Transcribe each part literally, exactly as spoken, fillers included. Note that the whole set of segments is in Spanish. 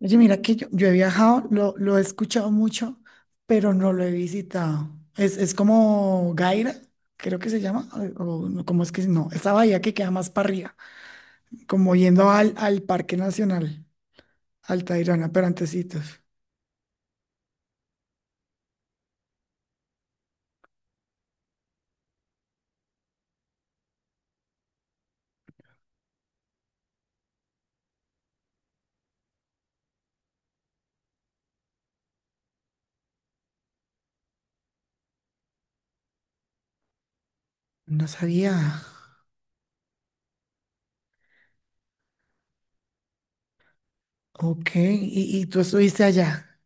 Oye, mira que yo, yo he viajado, lo, lo he escuchado mucho, pero no lo he visitado. Es, es como Gaira, creo que se llama, o o no, cómo es que se- no, esa bahía que queda más para arriba, como yendo al, al Parque Nacional, al Tayrona, pero antecitos. No sabía. Ok, y, y tú estuviste allá.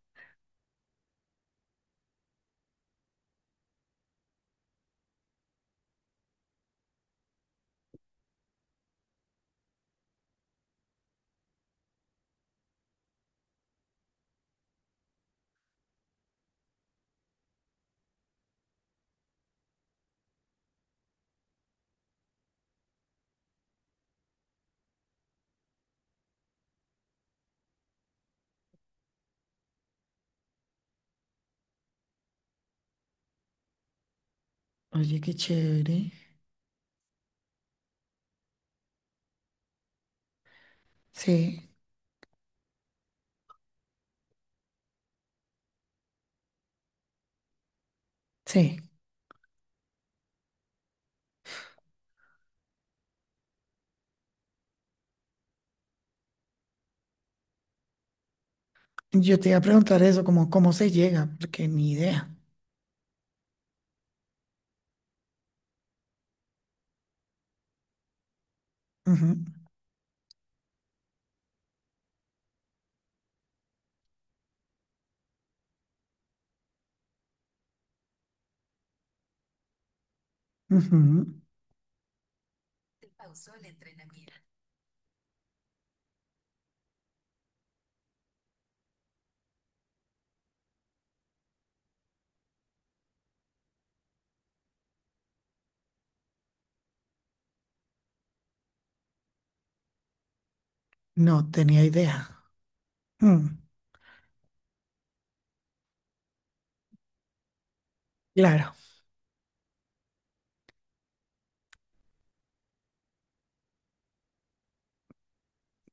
Oye, qué chévere. Sí, sí. Yo te iba a preguntar eso, como cómo se llega, porque ni idea. Ujú, ujú. No tenía idea. Mm, claro.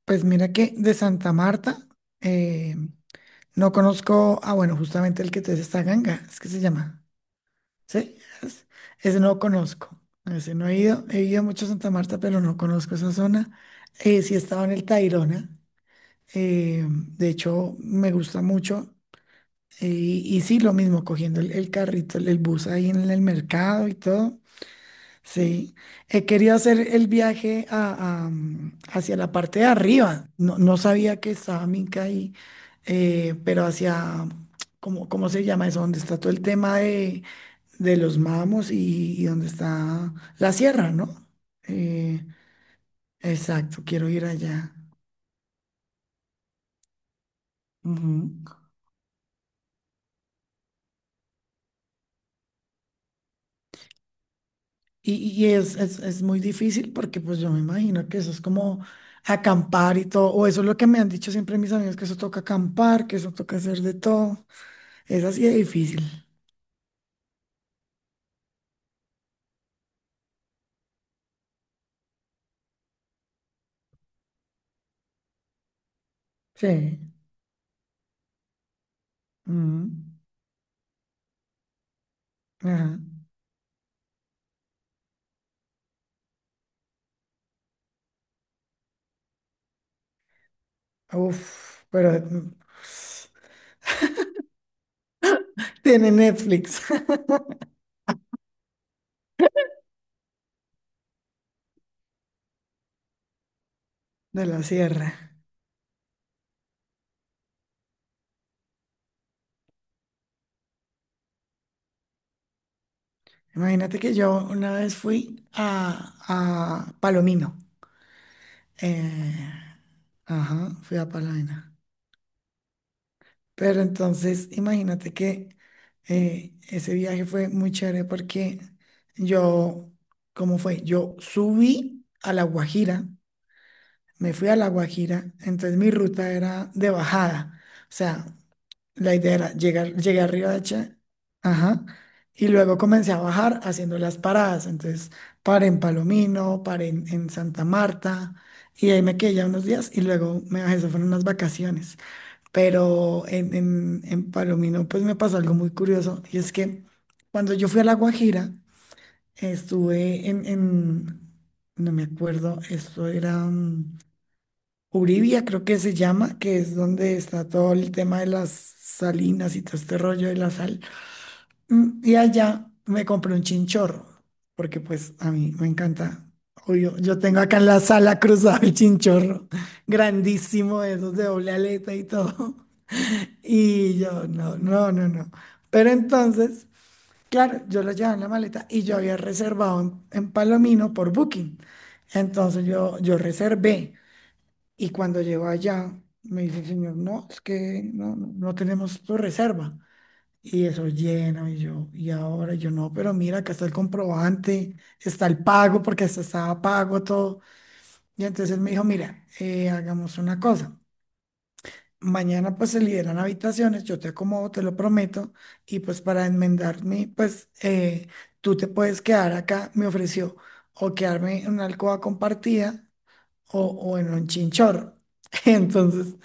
Pues mira que de Santa Marta, eh, no conozco. Ah, bueno, justamente el que te dice, esta Ganga, es que se llama, ¿sí? Es- ese no conozco, ese no he ido, he ido mucho a Santa Marta, pero no conozco esa zona. Eh, sí he estado en el Tayrona, eh, de hecho me gusta mucho. eh, y y sí, lo mismo, cogiendo el, el carrito, el, el bus ahí en el mercado y todo. Sí, he querido hacer el viaje a- a, mm, hacia la parte de arriba. No, no sabía que estaba Minca ahí, eh, pero hacia, ¿cómo, cómo se llama eso? Donde está todo el tema de, de los mamos, y, y donde está la sierra, ¿no? Eh, exacto, quiero ir allá. Ujú. Y, y es, es, es muy difícil porque pues yo me imagino que eso es como acampar y todo, o eso es lo que me han dicho siempre mis amigos, que eso toca acampar, que eso toca hacer de todo. Esa sí es difícil. Sí. Mm, ajá. Uf, pero mm, tiene Netflix de la Sierra. Imagínate que yo una vez fui a, a Palomino. Eh, ajá, fui a Palomino. Pero entonces, imagínate que eh, ese viaje fue muy chévere porque yo, ¿cómo fue? Yo subí a La Guajira me fui a La Guajira, entonces mi ruta era de bajada. O sea, la idea era llegar, llegué a Riohacha, ajá, y luego comencé a bajar haciendo las paradas. Entonces paré en Palomino, paré en, en Santa Marta, y ahí me quedé ya unos días y luego me bajé, eso fueron unas vacaciones. Pero en, en, en Palomino pues me pasó algo muy curioso, y es que cuando yo fui a La Guajira, estuve en, en no me acuerdo, esto era... mm, Uribia creo que se llama, que es donde está todo el tema de las salinas y todo este rollo de la sal. Mm. Y allá me compré un chinchorro, porque pues a mí me encanta. Obvio, yo tengo acá en la sala cruzado el chinchorro, grandísimo, de esos de doble aleta y todo. Y yo, no, no, no, no. Pero entonces, claro, yo lo llevaba en la maleta y yo había reservado en, en Palomino por Booking. Entonces yo, yo reservé. Y cuando llegó allá, me dice el señor, no, es que no, no no tenemos tu reserva. Y eso lleno, y yo, y ahora yo no, pero mira, acá está el comprobante, está el pago, porque hasta estaba pago todo. Y entonces él me dijo, mira, eh, hagamos una cosa. Mañana pues se liberan habitaciones, yo te acomodo, te lo prometo. Y pues para enmendarme, pues eh, tú te puedes quedar acá, me ofreció, o quedarme en una alcoba compartida o, o en un chinchorro. Entonces,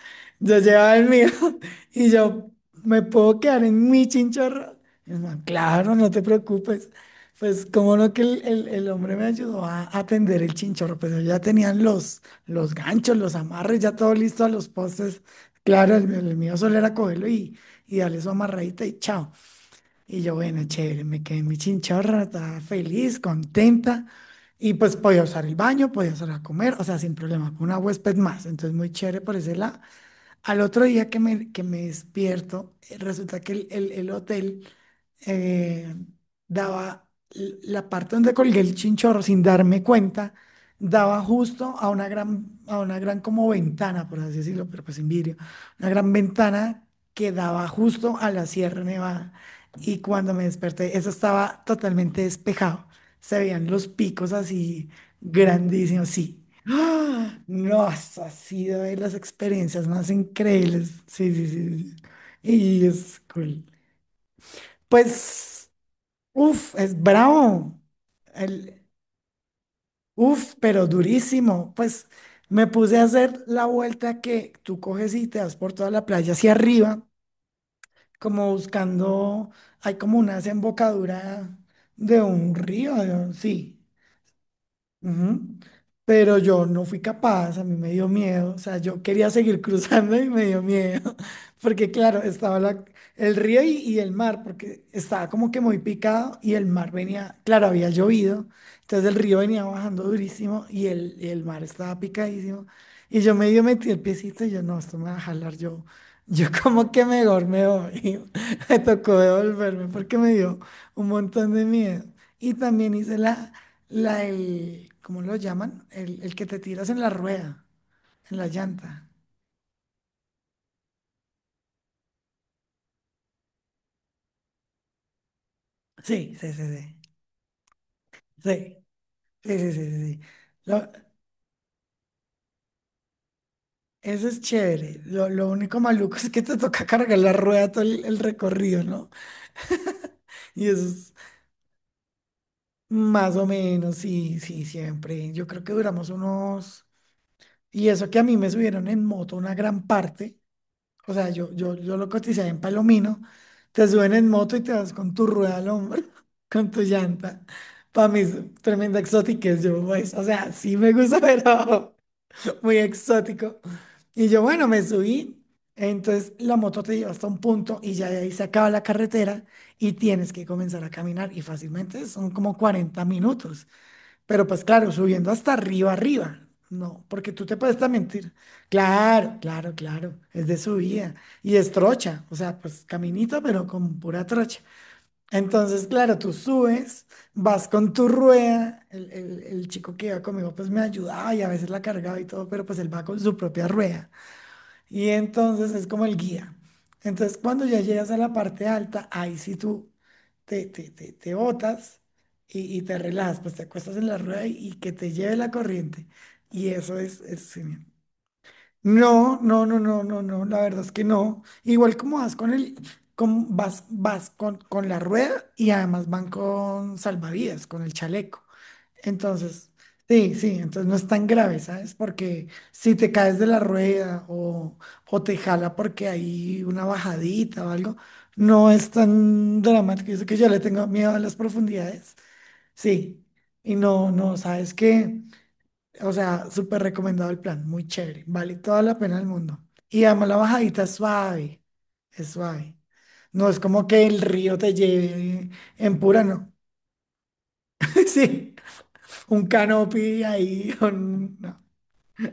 yo llevaba el mío y yo me puedo quedar en mi chinchorro. Y el man, claro, no te preocupes. Pues, como no, que el, el- el hombre me ayudó a atender el chinchorro, pero ya tenían los, los ganchos, los amarres, ya todo listo a los postes. Claro, el, mío el mío solo era cogerlo y, y darle su amarradita y chao. Y yo, bueno, chévere, me quedé en mi chinchorra, estaba feliz, contenta. Y pues podía usar el baño, podía usar a comer, o sea, sin problema, con una huésped más. Entonces, muy chévere por ese lado. Al otro día que me, que me despierto, eh, resulta que el, el el hotel, eh, daba l- la parte donde colgué el chinchorro sin darme cuenta, daba justo a una gran, a una gran como ventana, por así decirlo, pero pues sin vidrio, una gran ventana que daba justo a la Sierra Nevada. Y cuando me desperté, eso estaba totalmente despejado. Se veían los picos así grandísimos, sí. ¡Ah! No, eso ha sido de las experiencias más increíbles. Sí, sí, sí, sí. Y es cool. Pues, uf, es bravo. El, uf, pero durísimo. Pues me puse a hacer la vuelta que tú coges y te das por toda la playa hacia arriba, como buscando, hay como una desembocadura de un río, de un- sí. Ujú. Pero yo no fui capaz, a mí me dio miedo, o sea, yo quería seguir cruzando y me dio miedo, porque claro, estaba la- el río y, y el mar, porque estaba como que muy picado y el mar venía, claro, había llovido, entonces el río venía bajando durísimo y el, y el mar estaba picadísimo, y yo medio metí el piecito y yo, no, esto me va a jalar, yo, yo como que mejor me voy, me tocó devolverme porque me dio un montón de miedo, y también hice la... La, el, ¿cómo lo llaman? El, el que te tiras en la rueda, en la llanta. Sí, sí, sí, sí. Sí, sí, sí, sí, sí, sí. Lo- eso es chévere. Lo, lo único maluco es que te toca cargar la rueda todo el, el recorrido, ¿no? Y eso es más o menos, sí, sí, siempre. Yo creo que duramos unos... Y eso que a mí me subieron en moto una gran parte. O sea, yo, yo, yo lo cotizé en Palomino. Te suben en moto y te vas con tu rueda al hombro, con tu llanta. Para mí es tremenda exotiquez, yo, pues, o sea, sí me gusta, pero muy exótico. Y yo, bueno, me subí. Entonces la moto te lleva hasta un punto y ya de ahí se acaba la carretera y tienes que comenzar a caminar. Y fácilmente son como cuarenta minutos. Pero pues claro, subiendo hasta arriba, arriba. No, porque tú te puedes también mentir. Claro, claro, claro. Es de subida. Y es trocha. O sea, pues caminito, pero con pura trocha. Entonces, claro, tú subes, vas con tu rueda. El, el- el chico que iba conmigo, pues me ayudaba y a veces la cargaba y todo, pero pues él va con su propia rueda. Y entonces es como el guía. Entonces, cuando ya llegas a la parte alta, ahí sí tú te, te, te, te botas y, y te relajas, pues te acuestas en la rueda y, y que te lleve la corriente. Y eso es, es genial. No, no, no, no, no, no, la verdad es que no. Igual como vas con el, con, vas, vas con, con la rueda y además van con salvavidas, con el chaleco. Entonces, sí, sí, entonces no es tan grave, ¿sabes? Porque si te caes de la rueda o, o te jala porque hay una bajadita o algo, no es tan dramático. Yo sé que yo le tengo miedo a las profundidades, sí. Y no, no, ¿sabes qué? O sea, súper recomendado el plan, muy chévere, vale toda la pena del mundo. Y además la bajadita es suave, es suave. No es como que el río te lleve en pura, no. Sí, un canopy ahí, un- no.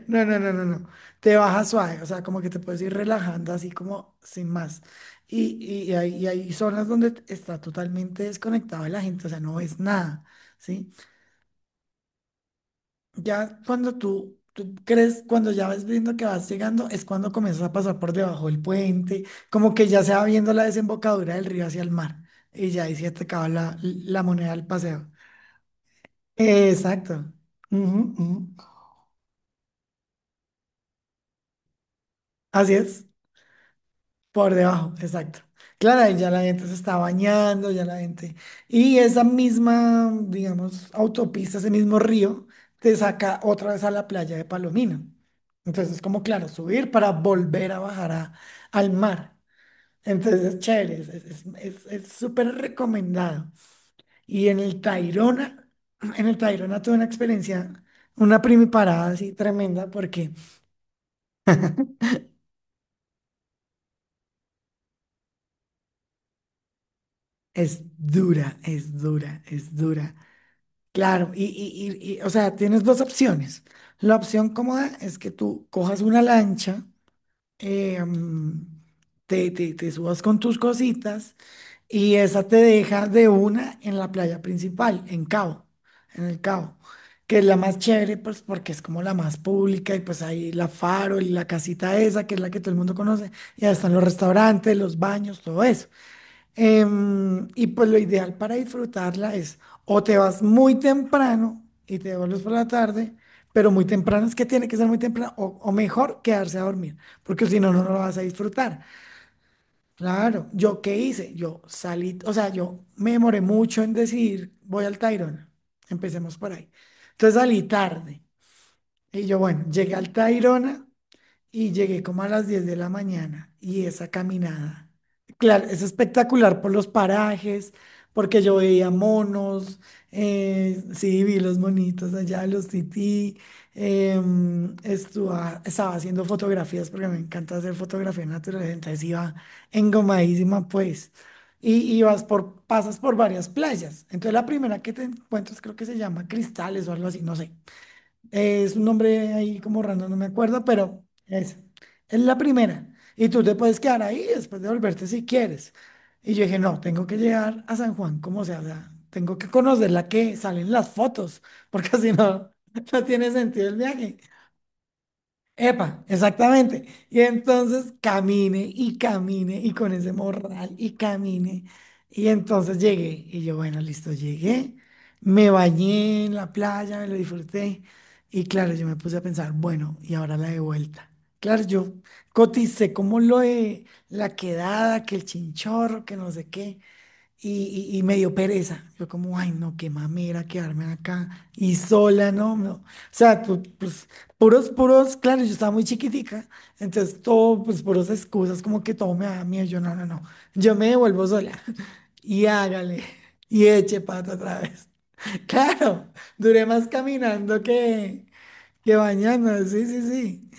No, no, no, no, no. Te baja suave, o sea, como que te puedes ir relajando así como sin más. Y, y, y hay, y hay zonas donde está totalmente desconectado de la gente, o sea, no ves nada, ¿sí? Ya cuando tú, tú crees, cuando ya vas viendo que vas llegando, es cuando comienzas a pasar por debajo del puente, como que ya se va viendo la desembocadura del río hacia el mar, y ya ahí se te acaba la, la moneda del paseo. Exacto. Ujú, ujú. Así es. Por debajo, exacto. Claro, y ya la gente se está bañando, ya la gente. Y esa misma, digamos, autopista, ese mismo río, te saca otra vez a la playa de Palomino. Entonces es como, claro, subir para volver a bajar a- al mar. Entonces es chévere, es es- es- es súper recomendado. Y en el Tayrona, en el Tayrona tuve una experiencia, una primiparada así tremenda, porque es dura, es dura, es dura. Claro, y, y, y- y, o sea, tienes dos opciones. La opción cómoda es que tú cojas una lancha, eh, mm, te, te, te subas con tus cositas y esa te deja de una en la playa principal, en Cabo, en el Cabo, que es la más chévere, pues porque es como la más pública y pues ahí la Faro y la casita esa, que es la que todo el mundo conoce, y ahí están los restaurantes, los baños, todo eso. Em, y pues lo ideal para disfrutarla es o te vas muy temprano y te vuelves por la tarde, pero muy temprano es que tiene que ser muy temprano, o, o mejor quedarse a dormir, porque si no, no lo vas a disfrutar. Claro, ¿yo qué hice? Yo salí, o sea, yo me demoré mucho en decidir, voy al Tayrona, empecemos por ahí. Entonces salí tarde y yo, bueno, llegué al Tayrona y llegué como a las diez de la mañana y esa caminada. Claro, es espectacular por los parajes, porque yo veía monos, eh, sí, vi los monitos allá, los tití, em, estuva- estaba haciendo fotografías porque me encanta hacer fotografía natural, entonces iba engomadísima pues. Y, y vas por, pasas por varias playas. Entonces la primera que te encuentras creo que se llama Cristales o algo así, no sé. Eh, Es un nombre ahí como random, no me acuerdo, pero es, es la primera. Y tú te puedes quedar ahí después de volverte si quieres. Y yo dije, no, tengo que llegar a San Juan, como sea, o sea, tengo que conocer la que salen las fotos, porque si no, no tiene sentido el viaje. Epa, exactamente. Y entonces camine y camine y con ese morral y camine. Y entonces llegué y yo, bueno, listo, llegué. Me bañé en la playa, me lo disfruté. Y claro, yo me puse a pensar, bueno, y ahora la de vuelta. Claro, yo coticé como lo de la quedada, que el chinchorro, que no sé qué y, y- y me dio pereza. Yo como, ay, no, qué mamera quedarme acá y sola, no, no. O sea, tú, pues, puros, puros, claro, yo estaba muy chiquitica, entonces todo, pues, puros excusas, como que todo me da miedo. Yo, no, no, no, yo me devuelvo sola y hágale y eche pata otra vez. Claro, duré más caminando que, que bañando, sí, sí, sí.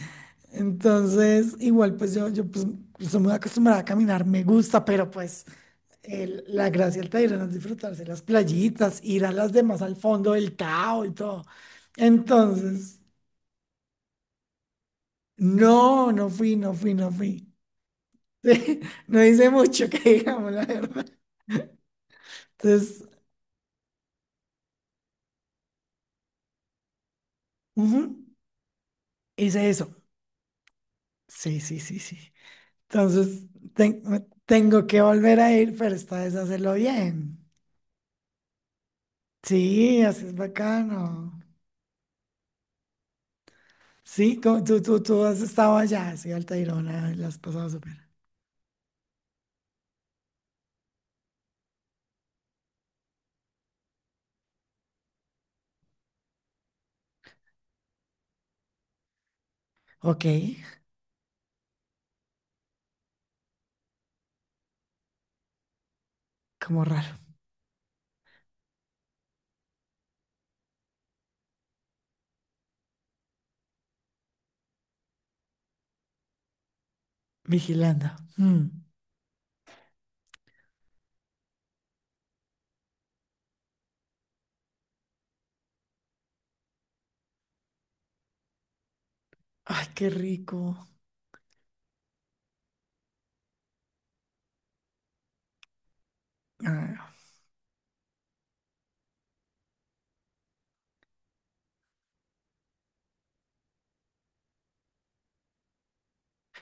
Entonces, igual pues yo, yo pues, estoy muy acostumbrada a caminar, me gusta, pero pues el- la gracia del Tayrona es disfrutarse las playitas, ir a las demás al fondo del Tao y todo. Entonces, no, no fui, no fui, no fui. No hice mucho que digamos, la verdad. Entonces, ujú, hice eso. Sí, sí, sí, sí. Entonces, ten- tengo que volver a ir, pero esta vez hacerlo bien. Sí, así es bacano. Sí, co- tú, tú, tú has estado allá, sí, Altairona, las has pasado súper. Ok, como raro, vigilando. Mm. Ay, qué rico. Ah,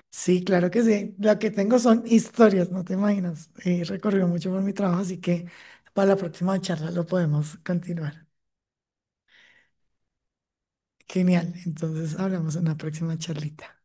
sí, claro que sí. Lo que tengo son historias, no te imaginas. He recorrido mucho por mi trabajo, así que para la próxima charla lo podemos continuar. Genial, entonces hablamos en la próxima charlita.